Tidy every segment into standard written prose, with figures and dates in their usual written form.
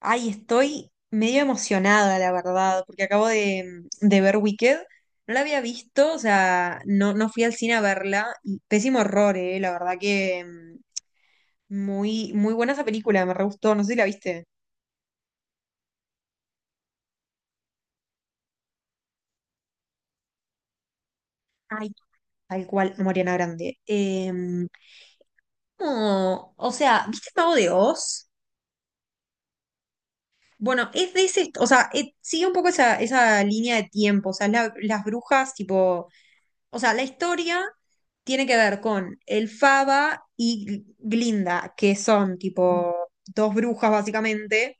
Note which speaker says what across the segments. Speaker 1: Ay, estoy medio emocionada, la verdad, porque acabo de ver Wicked. No la había visto, o sea, no fui al cine a verla. Y pésimo horror, la verdad que muy, muy buena esa película, me re gustó, no sé si la viste. Ay, tal cual, Mariana Grande. No, o sea, ¿viste el Mago de Oz? Bueno, es de ese, o sea, sigue un poco esa, esa línea de tiempo, o sea, las brujas, tipo. O sea, la historia tiene que ver con el Faba y Glinda, que son tipo dos brujas básicamente,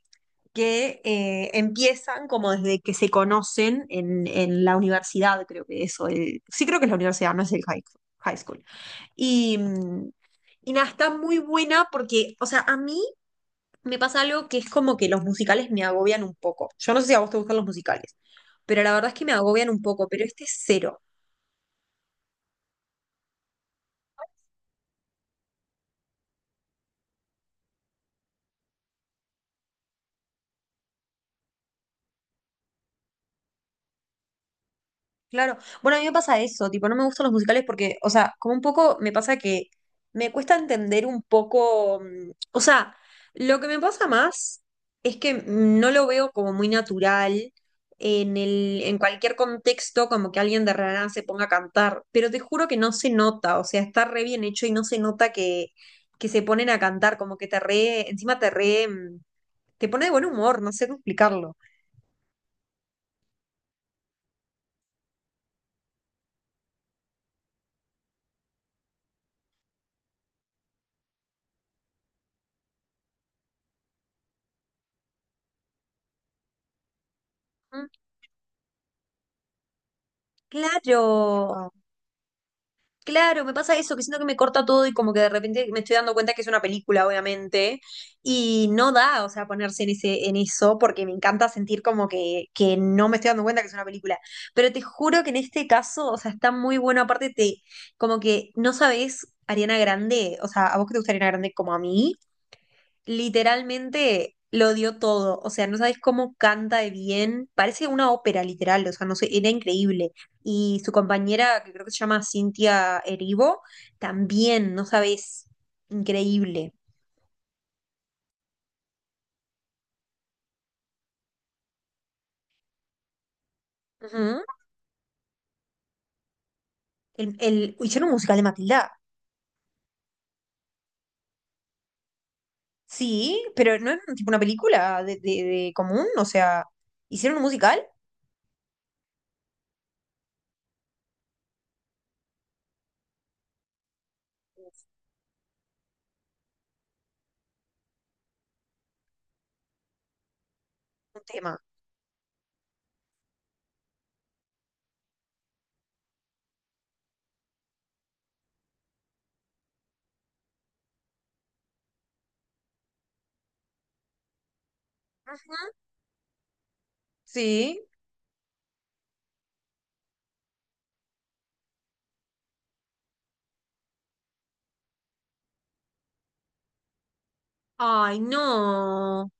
Speaker 1: que empiezan como desde que se conocen en la universidad, creo que eso, sí creo que es la universidad, no es el high, high school. Y, y nada, está muy buena porque, o sea, a mí me pasa algo que es como que los musicales me agobian un poco. Yo no sé si a vos te gustan los musicales, pero la verdad es que me agobian un poco, pero este es cero. Claro. Bueno, a mí me pasa eso, tipo, no me gustan los musicales porque, o sea, como un poco me pasa que me cuesta entender un poco, o sea, lo que me pasa más es que no lo veo como muy natural en el, en cualquier contexto, como que alguien de la nada se ponga a cantar, pero te juro que no se nota, o sea, está re bien hecho y no se nota que se ponen a cantar, como que te re, encima te re, te pone de buen humor, no sé cómo explicarlo. Mm, Claro. Claro, me pasa eso, que siento que me corta todo y como que de repente me estoy dando cuenta que es una película, obviamente, y no da, o sea, ponerse en ese, en eso, porque me encanta sentir como que no me estoy dando cuenta que es una película. Pero te juro que en este caso, o sea, está muy bueno, aparte te, como que no sabes Ariana Grande, o sea, a vos que te gusta Ariana Grande como a mí, literalmente lo dio todo. O sea, no sabes cómo canta de bien. Parece una ópera, literal. O sea, no sé, era increíble. Y su compañera, que creo que se llama Cintia Erivo, también, no sabes, increíble. Ujú. Hicieron un musical de Matilda. Sí, pero no es tipo una película de común. O sea, hicieron un musical, un tema. Ujú. Sí. Ay, no.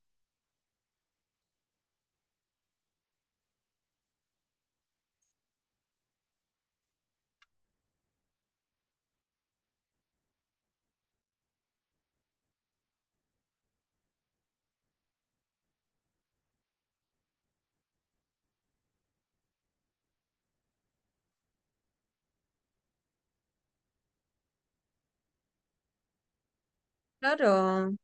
Speaker 1: Claro.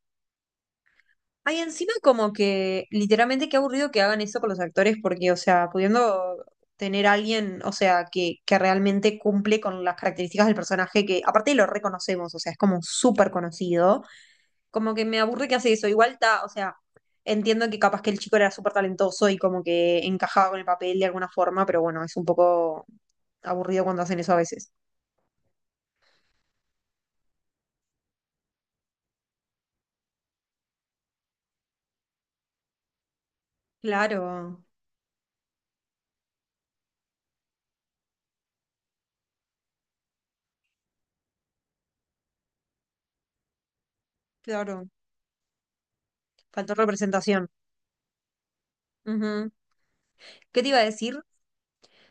Speaker 1: Ay, encima como que literalmente qué aburrido que hagan eso con los actores, porque, o sea, pudiendo tener a alguien, o sea, que realmente cumple con las características del personaje, que aparte lo reconocemos, o sea, es como súper conocido, como que me aburre que hace eso. Igual está, o sea, entiendo que capaz que el chico era súper talentoso y como que encajaba con el papel de alguna forma, pero bueno, es un poco aburrido cuando hacen eso a veces. Claro, claro, faltó representación. Ujú. ¿Qué te iba a decir?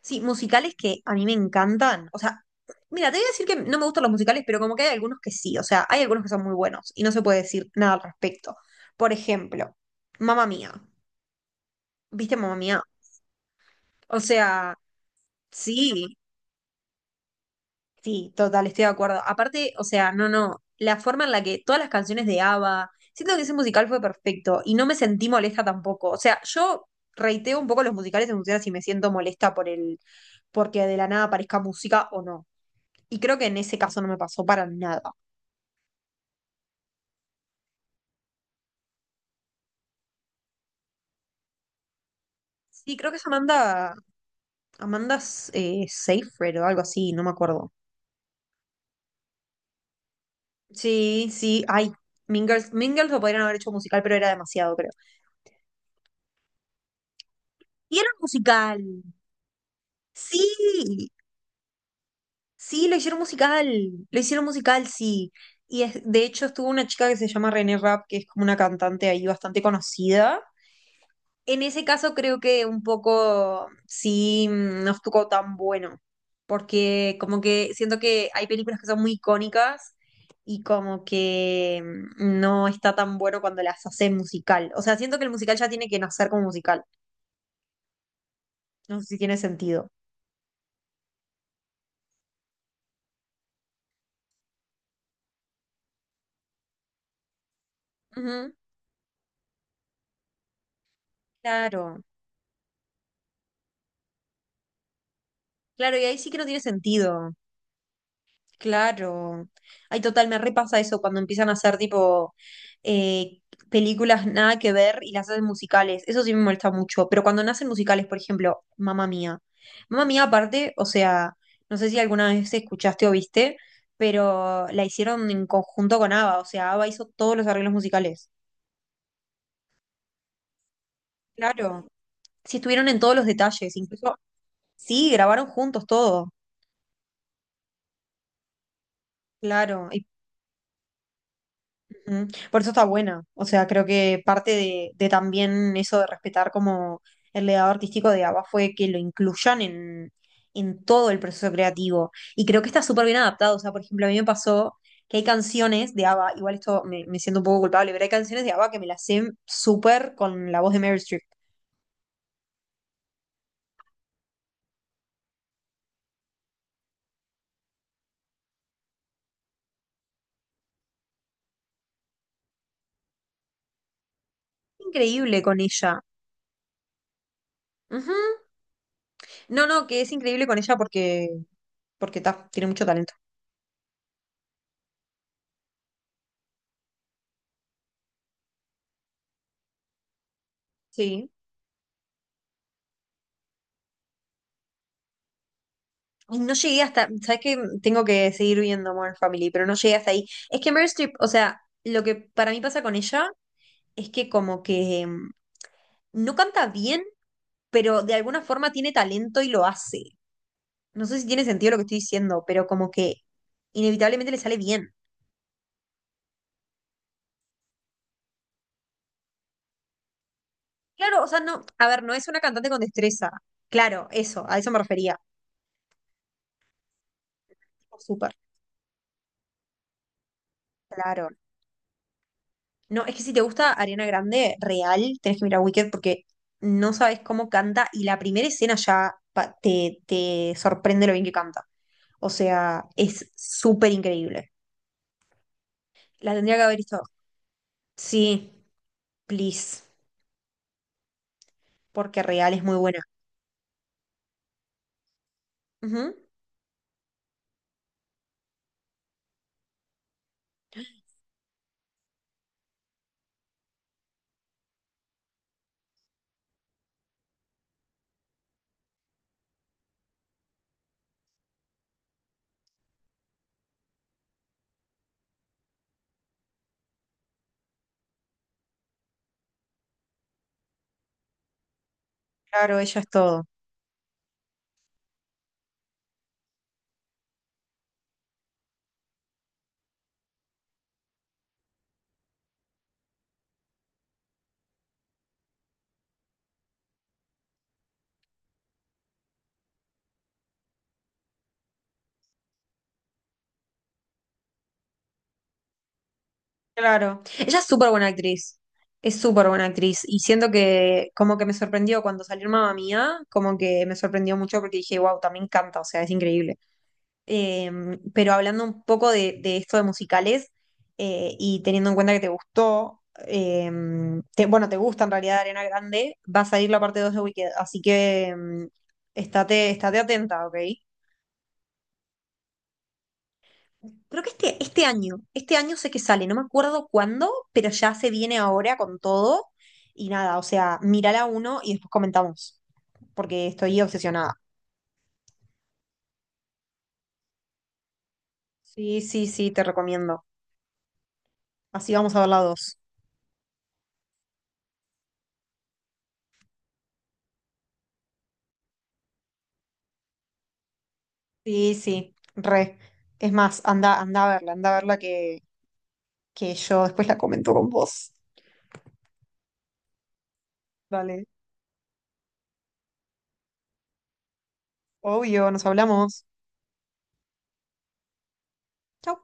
Speaker 1: Sí, musicales que a mí me encantan. O sea, mira, te voy a decir que no me gustan los musicales, pero como que hay algunos que sí. O sea, hay algunos que son muy buenos y no se puede decir nada al respecto. Por ejemplo, Mamma Mía. ¿Viste Mamma Mía? O sea, sí. Sí, total, estoy de acuerdo. Aparte, o sea, no, la forma en la que todas las canciones de ABBA, siento que ese musical fue perfecto y no me sentí molesta tampoco. O sea, yo reiteo un poco los musicales en función a si me siento molesta por el, porque de la nada aparezca música o no. Y creo que en ese caso no me pasó para nada. Sí, creo que es Amanda, Amanda Seyfried o algo así, no me acuerdo. Sí, sí, ay, Mean Girls, Mean Girls lo podrían haber hecho musical, pero era demasiado, creo. Y era un musical. Sí, sí, lo hicieron musical, sí. De hecho estuvo una chica que se llama René Rapp, que es como una cantante ahí bastante conocida. En ese caso creo que un poco sí no estuvo tan bueno, porque como que siento que hay películas que son muy icónicas y como que no está tan bueno cuando las hacen musical. O sea, siento que el musical ya tiene que nacer como musical. No sé si tiene sentido. Ujú. Claro, claro, y ahí sí que no tiene sentido. Claro. Ay, total, me repasa eso cuando empiezan a hacer tipo eh, películas nada que ver y las hacen musicales. Eso sí me molesta mucho. Pero cuando nacen musicales, por ejemplo, Mamma Mía. Mamma Mía, aparte, o sea, no sé si alguna vez escuchaste o viste, pero la hicieron en conjunto con ABBA. O sea, ABBA hizo todos los arreglos musicales. Claro. Sí, estuvieron en todos los detalles. Incluso, sí, grabaron juntos todo. Claro. Mm, Por eso está buena. O sea, creo que parte de también eso de respetar como el legado artístico de ABBA fue que lo incluyan en todo el proceso creativo. Y creo que está súper bien adaptado. O sea, por ejemplo, a mí me pasó que hay canciones de ABBA, igual esto me siento un poco culpable, pero hay canciones de ABBA que me las sé súper con la voz de Meryl Streep. Increíble con ella. Ujú. No, no, que es increíble con ella porque, porque tiene mucho talento. Sí. Ay, no llegué hasta, sabes que tengo que seguir viendo Modern Family, pero no llegué hasta ahí. Es que Meryl Streep, o sea, lo que para mí pasa con ella es que como que no canta bien, pero de alguna forma tiene talento y lo hace. No sé si tiene sentido lo que estoy diciendo, pero como que inevitablemente le sale bien. Claro, o sea, no, a ver, no es una cantante con destreza. Claro, eso, a eso me refería. Súper. Claro. No, es que si te gusta Ariana Grande, real, tenés que mirar Wicked porque no sabes cómo canta y la primera escena ya te, te sorprende lo bien que canta. O sea, es súper increíble. La tendría que haber visto. Sí, please, porque real es muy buena. Ujú. Claro, ella es todo. Claro. Ella es súper buena actriz. Es súper buena actriz. Y siento que como que me sorprendió cuando salió Mamma Mía, como que me sorprendió mucho porque dije, wow, también canta, o sea, es increíble. Eh, pero hablando un poco de esto de musicales y teniendo en cuenta que te gustó, eh, bueno, te gusta en realidad Arena Grande, va a salir la parte 2 de Wicked, así que estate, estate atenta, ¿ok? Creo que este, este año sé que sale, no me acuerdo cuándo, pero ya se viene ahora con todo y nada, o sea, mírala uno y después comentamos, porque estoy obsesionada. Sí, sí, sí, te recomiendo. Así vamos a ver la dos. Sí, sí, re. Es más, anda, anda a verla que yo después la comento con vos. Vale. Obvio, nos hablamos. Chau.